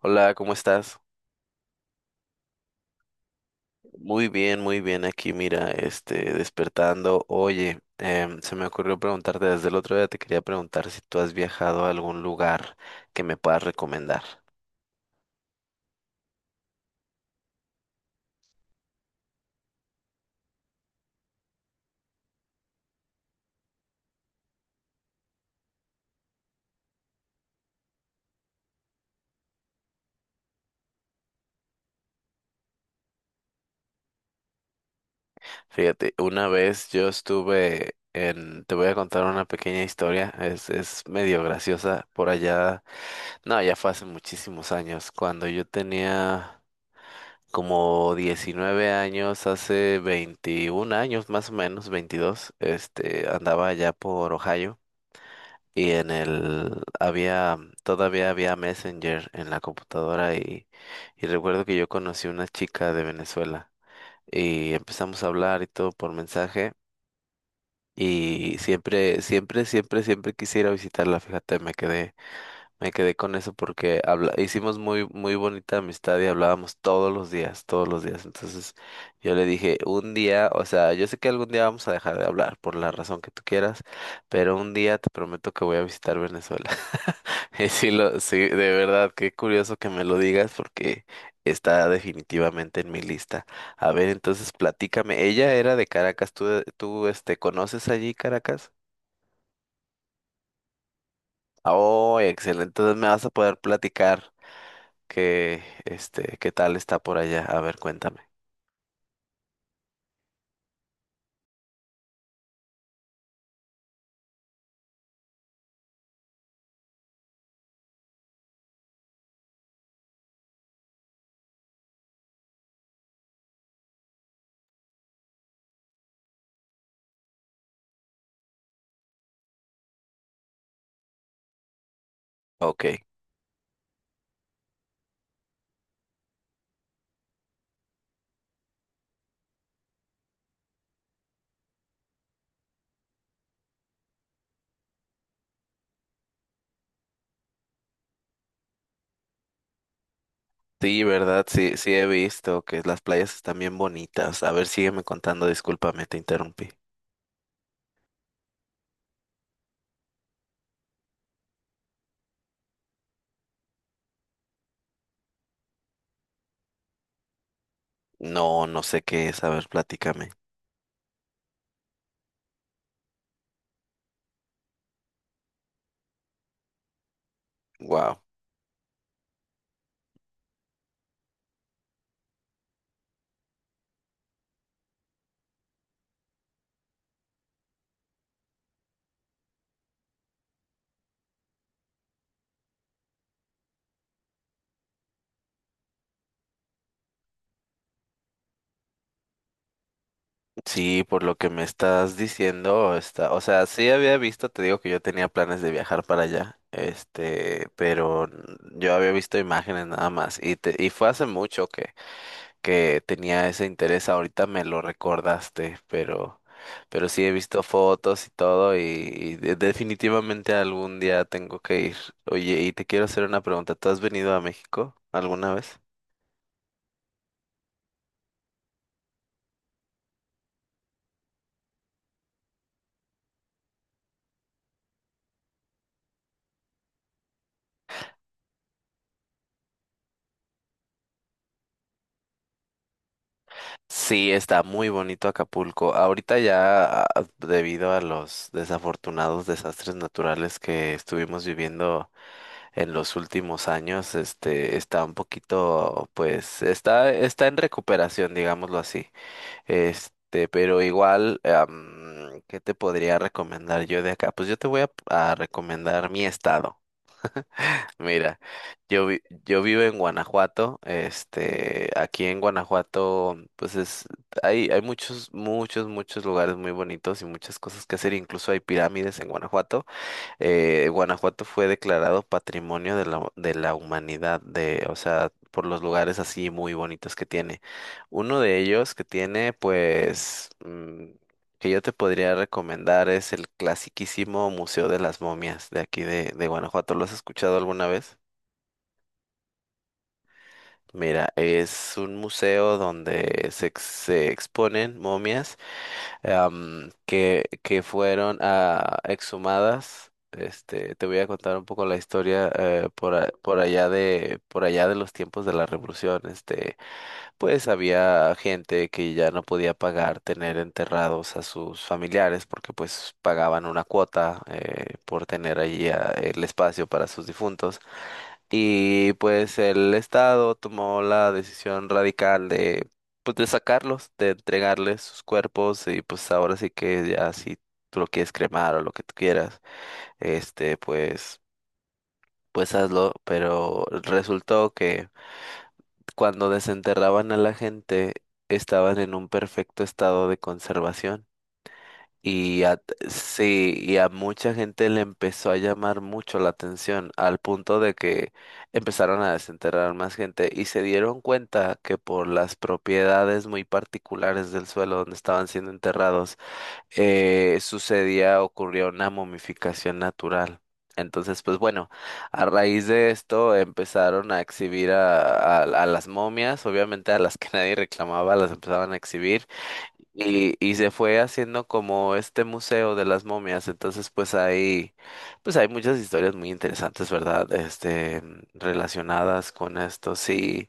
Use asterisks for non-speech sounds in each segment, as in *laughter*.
Hola, ¿cómo estás? Muy bien aquí, mira, este, despertando. Oye, se me ocurrió preguntarte desde el otro día, te quería preguntar si tú has viajado a algún lugar que me puedas recomendar. Fíjate, una vez yo estuve en, te voy a contar una pequeña historia, es medio graciosa, por allá, no, ya fue hace muchísimos años, cuando yo tenía como 19 años, hace 21 años más o menos, 22, este, andaba allá por Ohio y en el había todavía había Messenger en la computadora y recuerdo que yo conocí una chica de Venezuela y empezamos a hablar y todo por mensaje y siempre quisiera visitarla, fíjate, me quedé con eso porque habla hicimos muy, muy bonita amistad y hablábamos todos los días, todos los días. Entonces yo le dije, un día, o sea, yo sé que algún día vamos a dejar de hablar por la razón que tú quieras, pero un día te prometo que voy a visitar Venezuela. *laughs* Y sí, sí, de verdad, qué curioso que me lo digas porque está definitivamente en mi lista. A ver, entonces platícame. Ella era de Caracas, ¿tú este, conoces allí Caracas? Oh, excelente, entonces me vas a poder platicar que, este, ¿qué tal está por allá? A ver, cuéntame. Ok. Sí, ¿verdad? Sí, sí he visto que las playas están bien bonitas. A ver, sígueme contando, discúlpame, te interrumpí. No, no sé qué es, a ver, platícame. Wow. Sí, por lo que me estás diciendo, está, o sea, sí había visto, te digo que yo tenía planes de viajar para allá, este, pero yo había visto imágenes nada más y fue hace mucho que tenía ese interés, ahorita me lo recordaste, pero sí he visto fotos y todo y definitivamente algún día tengo que ir. Oye, y te quiero hacer una pregunta, ¿tú has venido a México alguna vez? Sí, está muy bonito Acapulco. Ahorita ya, debido a los desafortunados desastres naturales que estuvimos viviendo en los últimos años, este, está un poquito, pues, está en recuperación, digámoslo así. Este, pero igual, ¿qué te podría recomendar yo de acá? Pues yo te voy a recomendar mi estado. Mira, yo vivo en Guanajuato. Este, aquí en Guanajuato, pues es, hay muchos lugares muy bonitos y muchas cosas que hacer. Incluso hay pirámides en Guanajuato, Guanajuato fue declarado Patrimonio de de la Humanidad, de, o sea, por los lugares así muy bonitos que tiene. Uno de ellos que tiene, pues, que yo te podría recomendar es el clasiquísimo Museo de las Momias de aquí de Guanajuato. ¿Lo has escuchado alguna vez? Mira, es un museo donde se, se exponen momias, que fueron exhumadas. Este, te voy a contar un poco la historia, por allá de los tiempos de la Revolución. Este, pues había gente que ya no podía pagar tener enterrados a sus familiares porque pues pagaban una cuota, por tener allí, el espacio para sus difuntos. Y pues el Estado tomó la decisión radical de, pues, de sacarlos, de entregarles sus cuerpos y pues ahora sí que ya si tú lo quieres cremar o lo que tú quieras, este, pues, pues hazlo. Pero resultó que cuando desenterraban a la gente estaban en un perfecto estado de conservación. Y a, sí, y a mucha gente le empezó a llamar mucho la atención, al punto de que empezaron a desenterrar más gente y se dieron cuenta que por las propiedades muy particulares del suelo donde estaban siendo enterrados, ocurrió una momificación natural. Entonces, pues bueno, a raíz de esto empezaron a exhibir a las momias, obviamente a las que nadie reclamaba, las empezaban a exhibir. Y se fue haciendo como este museo de las momias, entonces pues hay muchas historias muy interesantes, ¿verdad? Este, relacionadas con esto, sí,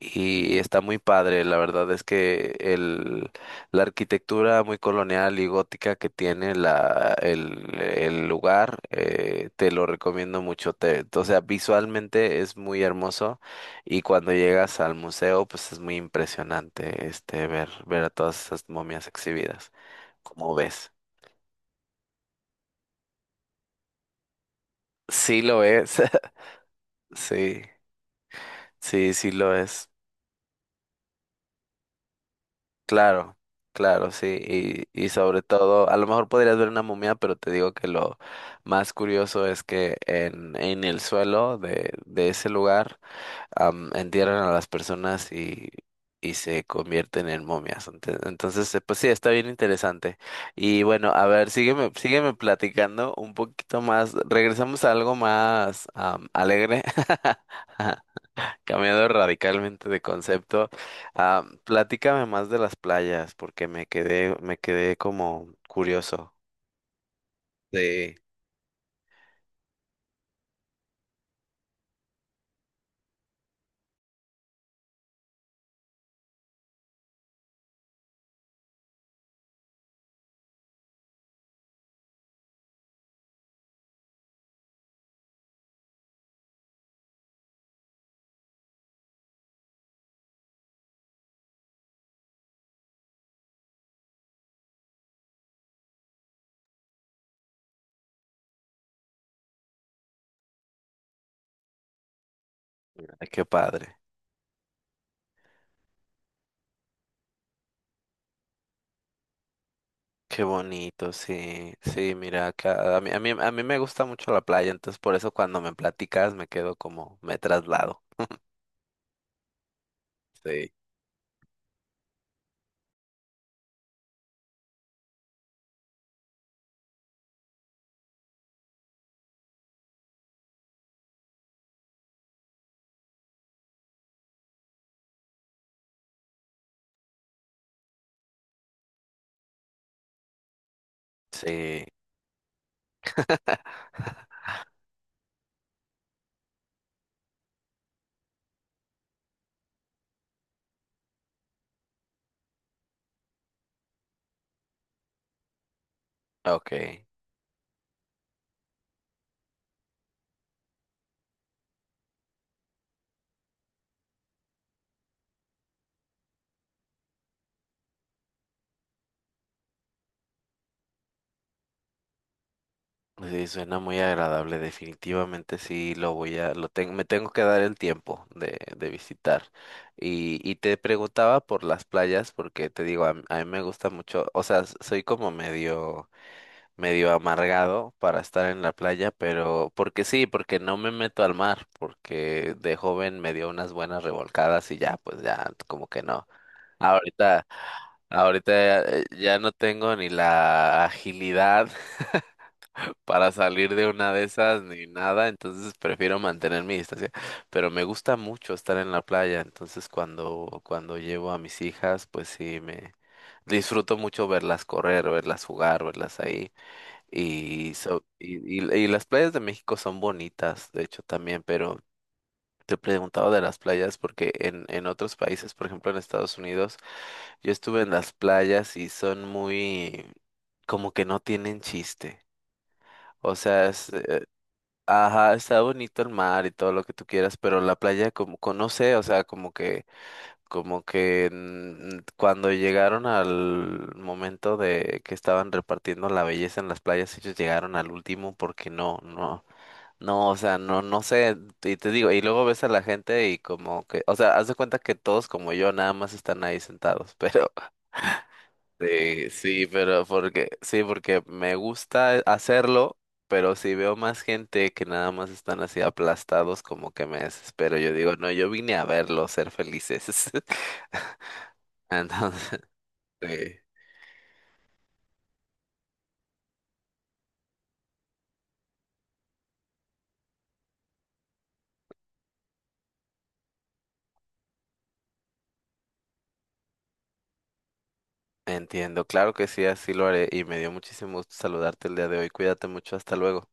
y está muy padre, la verdad es que la arquitectura muy colonial y gótica que tiene el lugar, te lo recomiendo mucho, o sea, visualmente es muy hermoso. Y cuando llegas al museo, pues es muy impresionante este ver a todas esas momias exhibidas. ¿Cómo ves? Sí lo es. *laughs* Sí, sí, sí lo es. Claro, claro, sí. Y sobre todo, a lo mejor podrías ver una momia, pero te digo que lo más curioso es que en el suelo de ese lugar, entierran a las personas y se convierten en momias. Entonces, pues sí, está bien interesante. Y bueno, a ver, sígueme platicando un poquito más. Regresamos a algo más, alegre, *laughs* cambiando radicalmente de concepto. Ah, platícame más de las playas, porque me quedé como curioso de. Ay, qué padre. Qué bonito, sí, sí, mira, acá, a mí me gusta mucho la playa, entonces por eso cuando me platicas me quedo como, me traslado. Sí. Sí, ok, sí, suena muy agradable, definitivamente sí, lo tengo, me tengo que dar el tiempo de visitar. Y te preguntaba por las playas, porque te digo, a mí me gusta mucho, o sea, soy como medio, medio amargado para estar en la playa, pero porque sí, porque no me meto al mar, porque de joven me dio unas buenas revolcadas y ya, pues ya, como que no. Ahorita, ahorita, ya no tengo ni la agilidad *laughs* para salir de una de esas ni nada, entonces prefiero mantener mi distancia, pero me gusta mucho estar en la playa, entonces cuando llevo a mis hijas, pues sí, me disfruto mucho verlas correr, verlas jugar, verlas ahí. Y, so- y, y las playas de México son bonitas, de hecho también, pero te preguntaba de las playas porque en otros países, por ejemplo en Estados Unidos, yo estuve en las playas y son muy como que no tienen chiste. O sea, ajá, está bonito el mar y todo lo que tú quieras, pero la playa como, no sé, o sea, como que cuando llegaron al momento de que estaban repartiendo la belleza en las playas, ellos llegaron al último porque no, no. No, o sea, no, no sé, y te digo, y luego ves a la gente y como que, o sea, haz de cuenta que todos como yo nada más están ahí sentados, pero *laughs* sí, sí, pero porque, sí, porque me gusta hacerlo, pero si veo más gente que nada más están así aplastados, como que me desespero. Yo digo, no, yo vine a verlos ser felices. *laughs* Entonces, sí, entiendo, claro que sí, así lo haré, y me dio muchísimo gusto saludarte el día de hoy. Cuídate mucho, hasta luego.